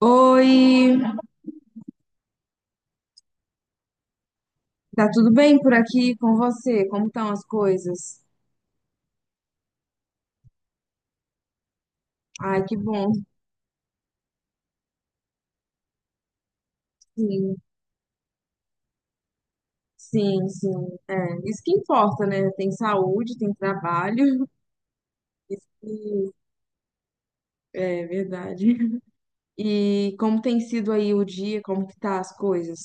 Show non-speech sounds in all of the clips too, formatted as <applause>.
Oi, tá tudo bem por aqui com você? Como estão as coisas? Ai, que bom, sim, sim. É, isso que importa, né? Tem saúde, tem trabalho, <laughs> isso que é verdade. E como tem sido aí o dia, como que tá as coisas?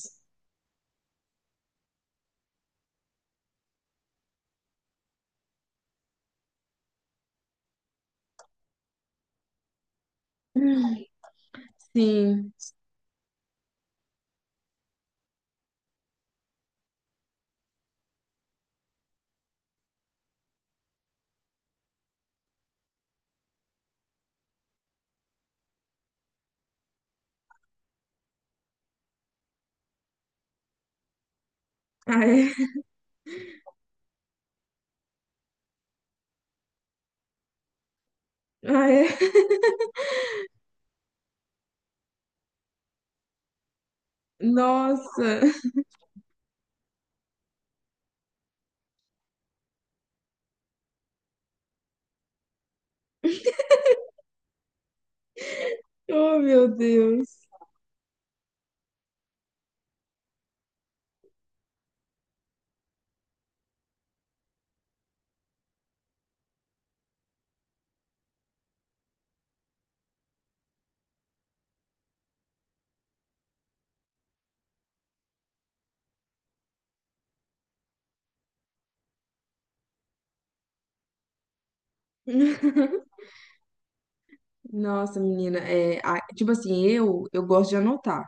Sim, ah, é, <laughs> ah, é. Nossa, oh meu Deus. Nossa, menina, é, tipo assim, eu gosto de anotar.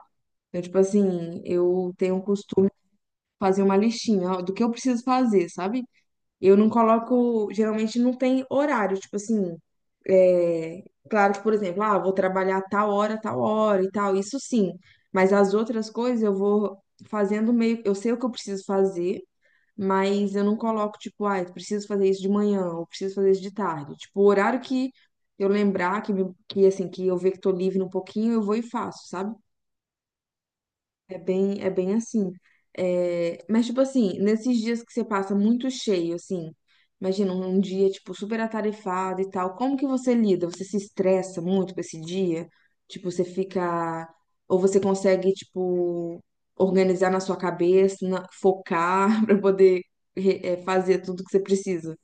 Eu, tipo assim, eu tenho um costume fazer uma listinha ó, do que eu preciso fazer, sabe? Eu não coloco, geralmente não tem horário, tipo assim, é, claro que, por exemplo, ah, vou trabalhar tal hora e tal, isso sim, mas as outras coisas eu vou fazendo meio, eu sei o que eu preciso fazer, mas eu não coloco, tipo, ah, eu preciso fazer isso de manhã, ou preciso fazer isso de tarde, tipo, o horário que eu lembrar, que, que assim, que eu ver que tô livre um pouquinho, eu vou e faço, sabe? É bem assim. É, mas, tipo assim, nesses dias que você passa muito cheio, assim, imagina um dia, tipo, super atarefado e tal, como que você lida? Você se estressa muito com esse dia? Tipo, você fica. Ou você consegue, tipo, organizar na sua cabeça, focar <laughs> pra poder é, fazer tudo que você precisa?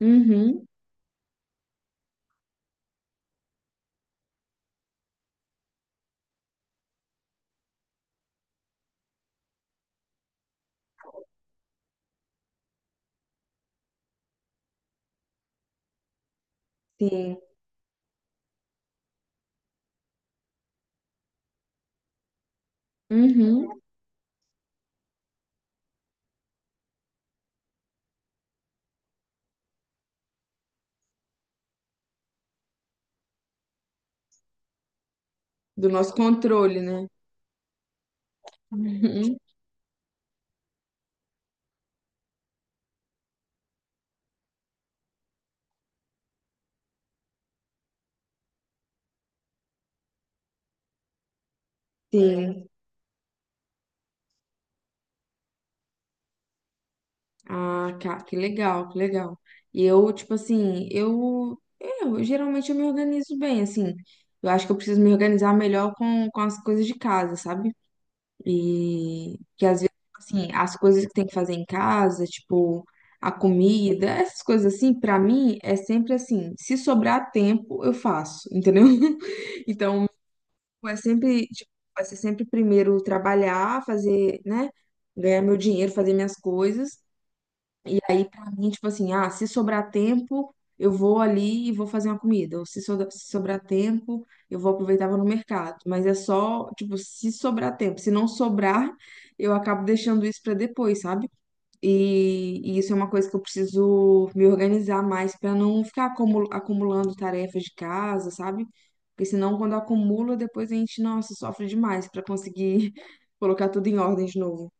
Uhum, sim. Uhum. Do nosso controle, né? Uhum, sim. Ah, cara, que legal, que legal. E eu, tipo assim, eu geralmente eu me organizo bem, assim. Eu acho que eu preciso me organizar melhor com as coisas de casa, sabe? E que às vezes, assim, as coisas que tem que fazer em casa, tipo, a comida, essas coisas assim, pra mim é sempre assim, se sobrar tempo, eu faço, entendeu? <laughs> Então, é sempre, tipo, vai ser sempre primeiro trabalhar, fazer, né? Ganhar meu dinheiro, fazer minhas coisas. E aí, pra mim, tipo assim, ah, se sobrar tempo, eu vou ali e vou fazer uma comida. Ou se sobrar tempo, eu vou aproveitar e vou no mercado. Mas é só, tipo, se sobrar tempo. Se não sobrar, eu acabo deixando isso pra depois, sabe? E isso é uma coisa que eu preciso me organizar mais pra não ficar acumulando tarefas de casa, sabe? Porque senão, quando acumula, depois a gente, nossa, sofre demais pra conseguir <laughs> colocar tudo em ordem de novo.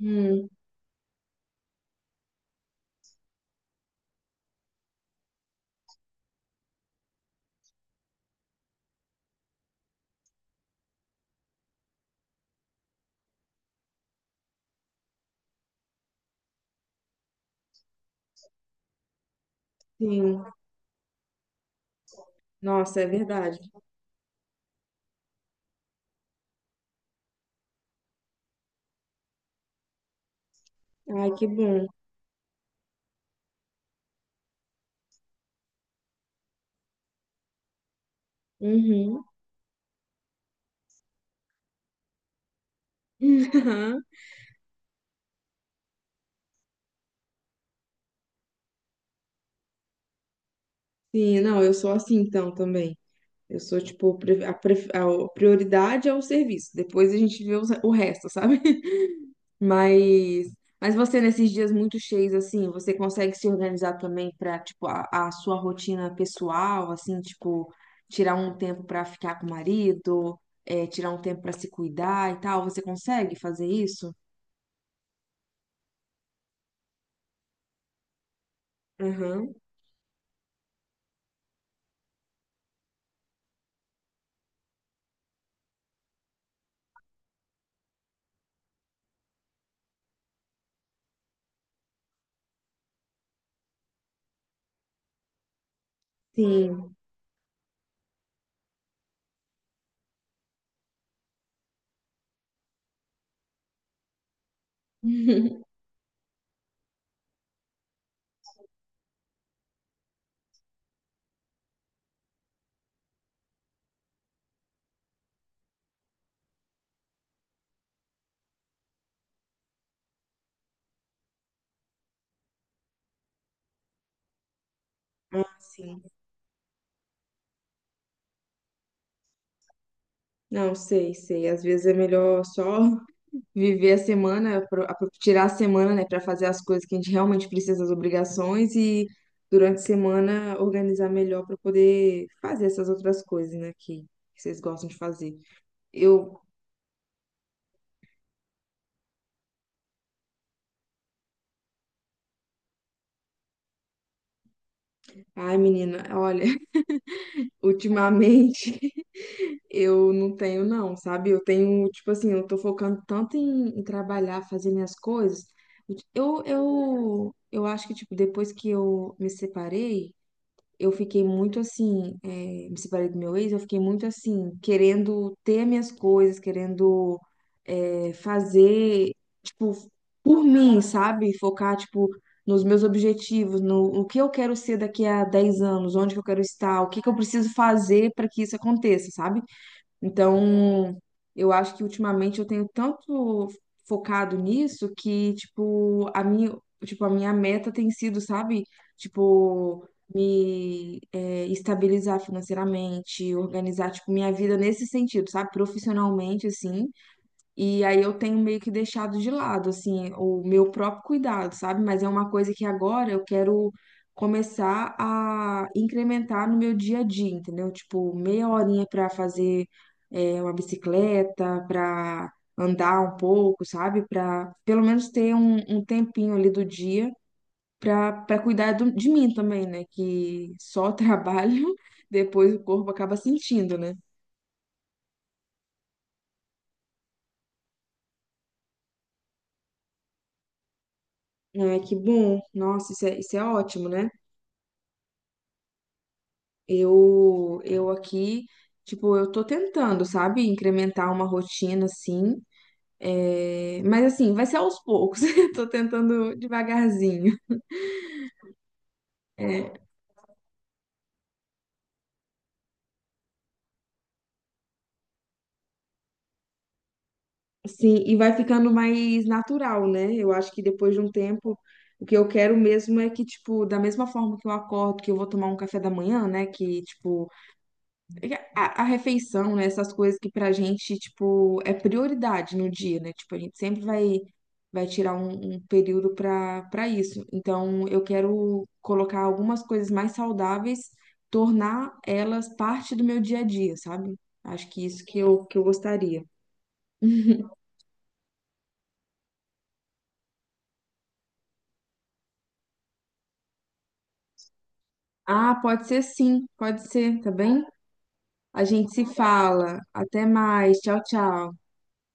Hum, sim. Nossa, é verdade. Ai, que bom. Uhum. <laughs> Sim, não, eu sou assim então também. Eu sou tipo, a prioridade é o serviço, depois a gente vê o resto, sabe? <laughs> Mas, mas você nesses dias muito cheios assim, você consegue se organizar também pra tipo a sua rotina pessoal, assim, tipo tirar um tempo pra ficar com o marido, é, tirar um tempo pra se cuidar e tal. Você consegue fazer isso? Aham. Sim. <laughs> Sim. Não, sei, sei. Às vezes é melhor só <laughs> viver a semana, tirar a semana, né, para fazer as coisas que a gente realmente precisa, as obrigações, e durante a semana organizar melhor para poder fazer essas outras coisas, né, que vocês gostam de fazer. Eu, ai, menina, olha, <laughs> ultimamente <laughs> eu não tenho, não, sabe? Eu tenho, tipo assim, eu tô focando tanto em, em trabalhar, fazer minhas coisas. Eu acho que, tipo, depois que eu me separei. Eu fiquei muito assim, me separei do meu ex, eu fiquei muito assim, querendo ter minhas coisas, querendo fazer, tipo, por mim, sabe? Focar, tipo, nos meus objetivos, no, o que eu quero ser daqui a 10 anos, onde que eu quero estar, o que que eu preciso fazer para que isso aconteça, sabe? Então, eu acho que ultimamente eu tenho tanto focado nisso que, tipo, a minha meta tem sido, sabe? Tipo, me é, estabilizar financeiramente, organizar, tipo, minha vida nesse sentido, sabe? Profissionalmente, assim. E aí eu tenho meio que deixado de lado, assim, o meu próprio cuidado, sabe? Mas é uma coisa que agora eu quero começar a incrementar no meu dia a dia, entendeu? Tipo, meia horinha para fazer uma bicicleta, para andar um pouco, sabe? Para pelo menos ter um tempinho ali do dia para cuidar de mim também, né? Que só <laughs> trabalho, depois o corpo acaba sentindo, né? Ai, que bom. Nossa, isso é ótimo, né? Eu aqui, tipo, eu tô tentando, sabe, incrementar uma rotina assim. É, mas assim, vai ser aos poucos. <laughs> Eu tô tentando devagarzinho. É, sim, e vai ficando mais natural, né? Eu acho que depois de um tempo, o que eu quero mesmo é que, tipo, da mesma forma que eu acordo, que eu vou tomar um café da manhã, né? Que, tipo, a refeição, né? Essas coisas que pra gente, tipo, é prioridade no dia, né? Tipo, a gente sempre vai, vai tirar um período pra isso. Então, eu quero colocar algumas coisas mais saudáveis, tornar elas parte do meu dia a dia, sabe? Acho que isso que que eu gostaria. <laughs> Ah, pode ser sim, pode ser, tá bem? A gente se fala. Até mais. Tchau, tchau.